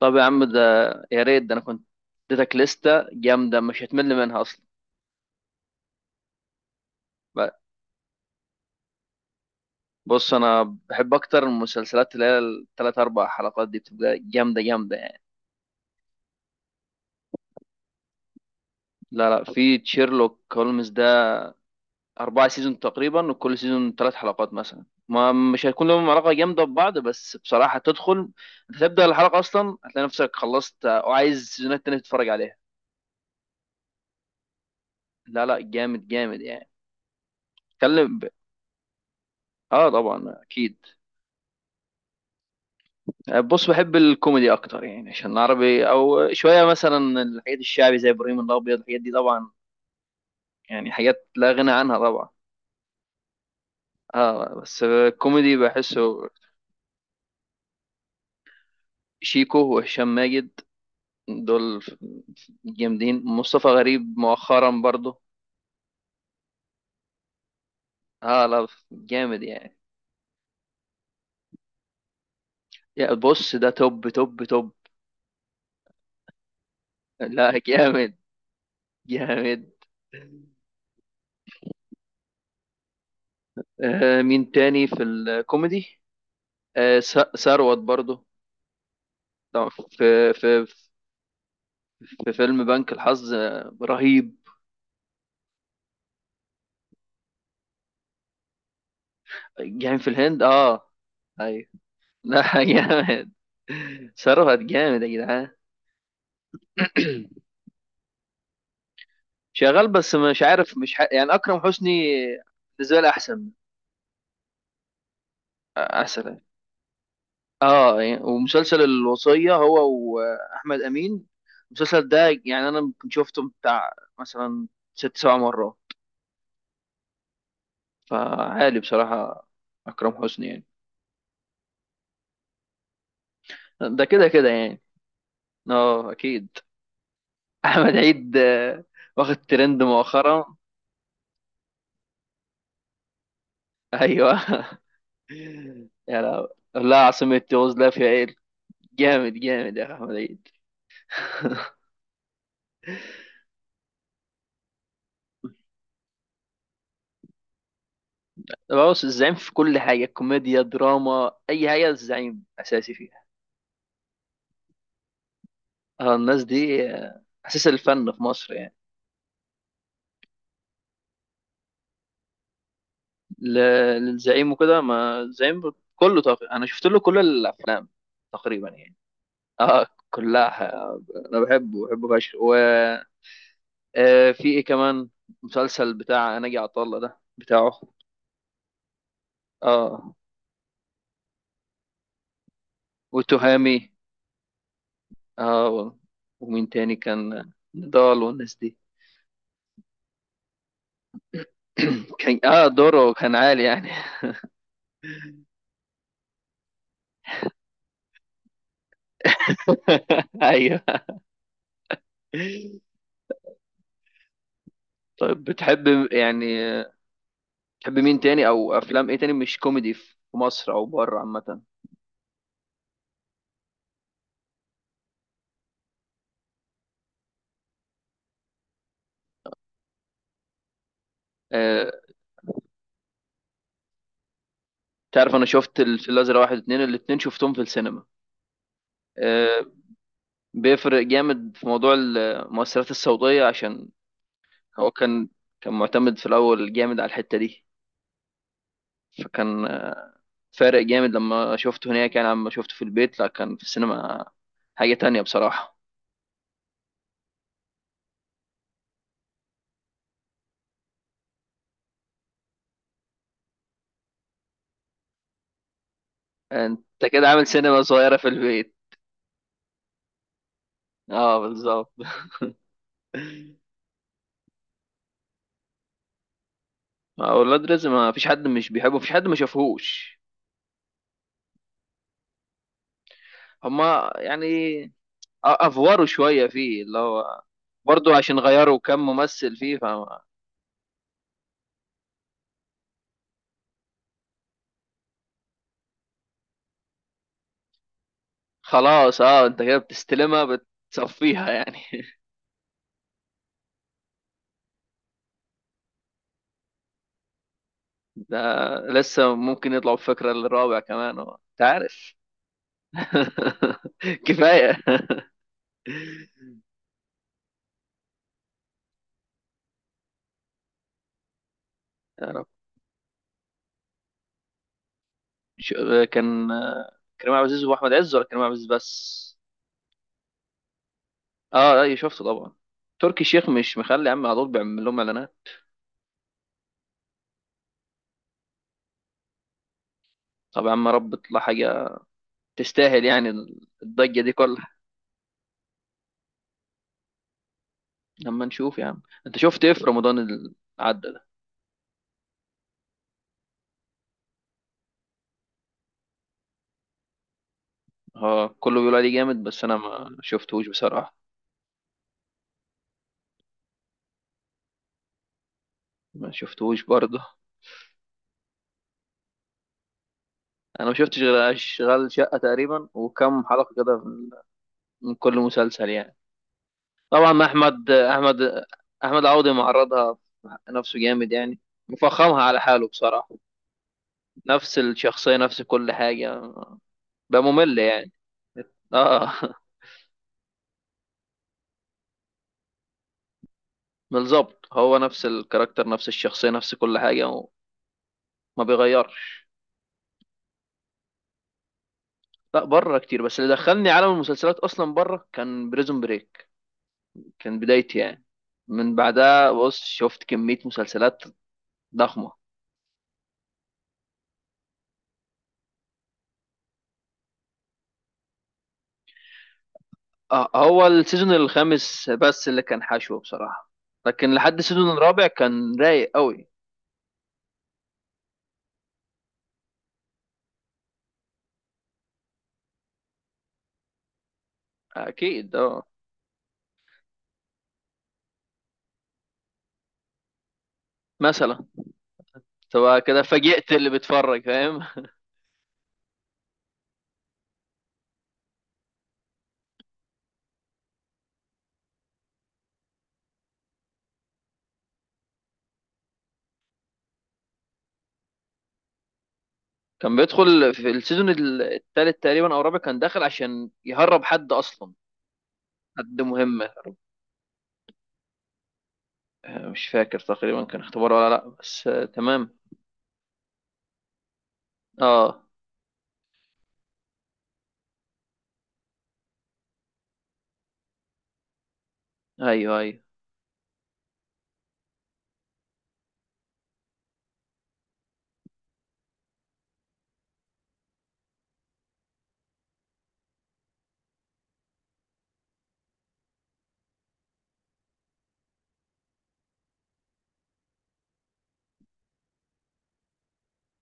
طب يا عم ده. يا ريت ده انا كنت اديتك لستة جامدة مش هتمل منها اصلا. ب- بص، انا بحب اكتر المسلسلات اللي هي الثلاث اربع حلقات دي بتبقى جامدة جامدة يعني. لا لا، في تشيرلوك هولمز ده، اربع سيزون تقريبا، وكل سيزون ثلاث حلقات مثلا، ما مش هيكون لهم علاقة جامدة ببعض، بس بصراحة تدخل انت تبدأ الحلقة اصلا هتلاقي نفسك خلصت وعايز سيزونات تانية تتفرج عليها. لا لا جامد جامد يعني. اتكلم ب... اه طبعا اكيد. بص، بحب الكوميدي اكتر يعني، عشان عربي او شويه مثلا الحاجات الشعبي زي ابراهيم الابيض الحاجات دي طبعا، يعني حاجات لا غنى عنها طبعا. اه بس الكوميدي بحسه. شيكو وهشام ماجد، دول جامدين. مصطفى غريب مؤخرا برضه. اه لا جامد يعني. يا بص، ده توب توب توب. لا جامد جامد. آه، مين تاني في الكوميدي. آه، ثروت برضه. طبعاً في في فيلم بنك الحظ، آه، رهيب. جاي في الهند اه. ايوه. لا جامد. صرفت جامد يا جدعان. شغال بس مش عارف، مش ح... يعني اكرم حسني بالنسبه لي احسن. احسن. اه يعني، ومسلسل الوصيه هو، واحمد امين، المسلسل ده يعني انا ممكن شفته بتاع مثلا ست سبع مرات. فعالي بصراحه اكرم حسني يعني. ده كده كده يعني. اه اكيد. احمد عيد، واخد ترند مؤخرا. ايوه يا لا، لا عاصمة تونس، لا فيها ايه. جامد جامد يا أخي احمد عيد. بص، الزعيم في كل حاجة، كوميديا، دراما، اي حاجة الزعيم اساسي فيها. اه الناس دي، آه، اساس الفن في مصر يعني. ل- للزعيم وكده، ما الزعيم كله طاقة، انا شفت له كل الافلام تقريبا يعني. اه كلها انا بحبه بحبه فشخ. آه، في ايه كمان. مسلسل بتاع ناجي عطا الله ده بتاعه. اه، وتهامي. اه ومين تاني، كان نضال والناس دي. كان اه دوره كان عالي يعني. ايوه. طيب، بتحب يعني آه، بتحب مين تاني او افلام ايه تاني مش كوميدي في مصر او بره عامه. آه، تعرف انا شفت الفيل الازرق واحد واتنين، الاتنين شفتهم في السينما. آه، بيفرق جامد في موضوع المؤثرات الصوتيه، عشان هو كان معتمد في الأول جامد على الحتة دي. فكان، آه، فارق جامد لما شفته هناك يعني. لما شفته في البيت لا، كان في السينما حاجة تانية بصراحة. انت كده عامل سينما صغيرة في البيت. اه بالظبط ما هو ولاد رزق ما فيش حد مش بيحبه، مفيش حد ما شافهوش. هما يعني افوروا شوية فيه، اللي هو برضه عشان غيروا كم ممثل فيه. فخلاص اه، انت كده بتستلمها، بتصفيها يعني. ده لسه ممكن يطلعوا بفكرة للرابع كمان، هو انت عارف. كفاية يا رب. ش- كان كريم عبد العزيز واحمد عز، ولا كريم عبد العزيز بس. اه، اي شفته طبعا. تركي الشيخ مش مخلي يا عم، على طول بيعمل لهم اعلانات. طب يا عم، يا رب تطلع حاجة تستاهل يعني الضجة دي كلها. لما نشوف يا عم. انت شفت ايه في رمضان اللي عدى ده. اه كله بيقول عليه جامد، بس انا ما شفتهوش بصراحة. ما شفتهوش برضه. انا ما شفتش غير اشغال شقه تقريبا، وكم حلقه كده من كل مسلسل يعني. طبعا احمد عوضي معرضها نفسه جامد يعني. مفخمها على حاله بصراحه، نفس الشخصيه نفس كل حاجه، بقى ممل يعني. اه بالظبط، هو نفس الكاركتر نفس الشخصيه نفس كل حاجه، وما بيغيرش. لا، بره كتير، بس اللي دخلني عالم المسلسلات اصلا بره كان بريزون بريك، كان بدايتي يعني. من بعدها بص شفت كميه مسلسلات ضخمه. آه، هو السيزون الخامس بس اللي كان حشو بصراحة، لكن لحد السيزون الرابع كان رايق قوي. اكيد اه. مثلا تبقى كده فاجئت اللي بيتفرج، فاهم. كان بيدخل في السيزون التالت تقريبا او الرابع، كان داخل عشان يهرب حد اصلا، حد مهم. آه، مش فاكر تقريبا كان اختبار ولا لا، بس آه، تمام. اه. ايوه ايوه.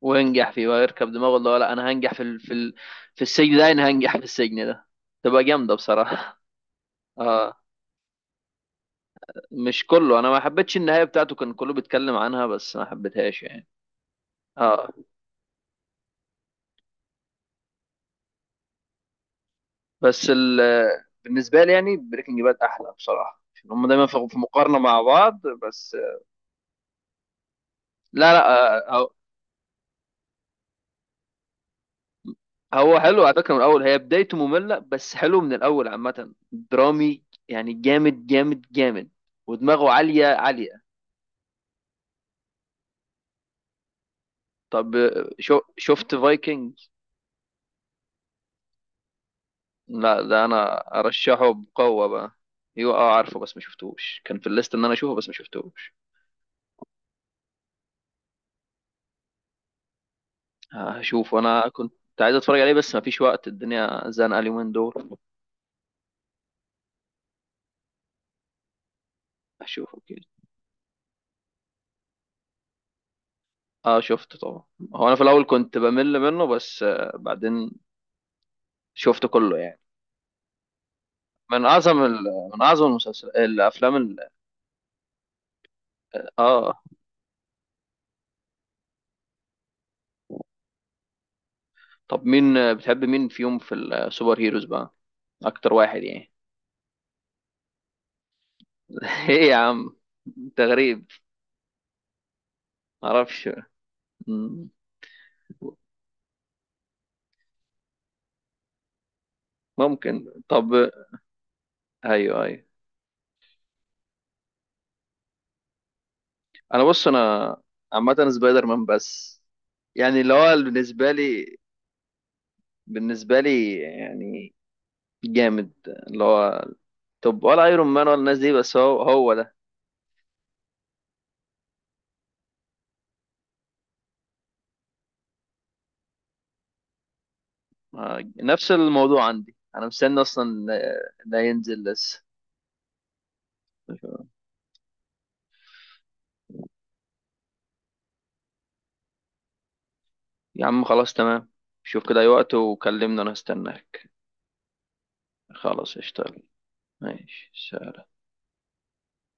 وينجح فيه ويركب دماغه اللي هو لا، انا هنجح في السجن ده. انا هنجح في السجن ده. تبقى جامدة بصراحة. اه. مش كله، انا ما حبيتش النهايه بتاعته. كان كله بيتكلم عنها بس ما حبيتهاش يعني. اه. بس بالنسبه لي يعني بريكنج باد احلى بصراحه، عشان هم دايما في مقارنه مع بعض. بس. لا لا، آه، هو هو حلو على فكره من الاول. هي بدايته ممله، بس حلو من الاول عامه. درامي يعني، جامد جامد جامد، ودماغه عاليه عاليه. طب، شو شفت فايكنج. لا، ده انا ارشحه بقوه بقى. ايوه اه، عارفه بس ما شفتوش. كان في الليست ان انا اشوفه، بس ما شفتوش. هشوف. انا كنت عايز اتفرج عليه بس مفيش وقت، الدنيا زنقه اليومين دول. هشوفه كده. اه شفته طبعا. هو انا في الاول كنت بمل منه، بس بعدين شفته كله يعني. من اعظم من اعظم المسلسل الافلام اه. طب مين، بتحب مين فيهم في السوبر هيروز بقى، اكتر واحد يعني. ايه يا عم، انت غريب. معرفش. مم. ممكن. طب. ايوه ايوه. انا، بص، انا عامه سبايدر مان بس، يعني اللي هو بالنسبه لي يعني جامد اللي هو. طب ولا ايرون مان ولا الناس دي، بس هو هو ده. نفس الموضوع عندي، انا مستني اصلا ده ينزل لسه. يا عم خلاص تمام. شوف كده اي وقت وكلمني، انا هستناك. خلاص. اشتغل. ماشي.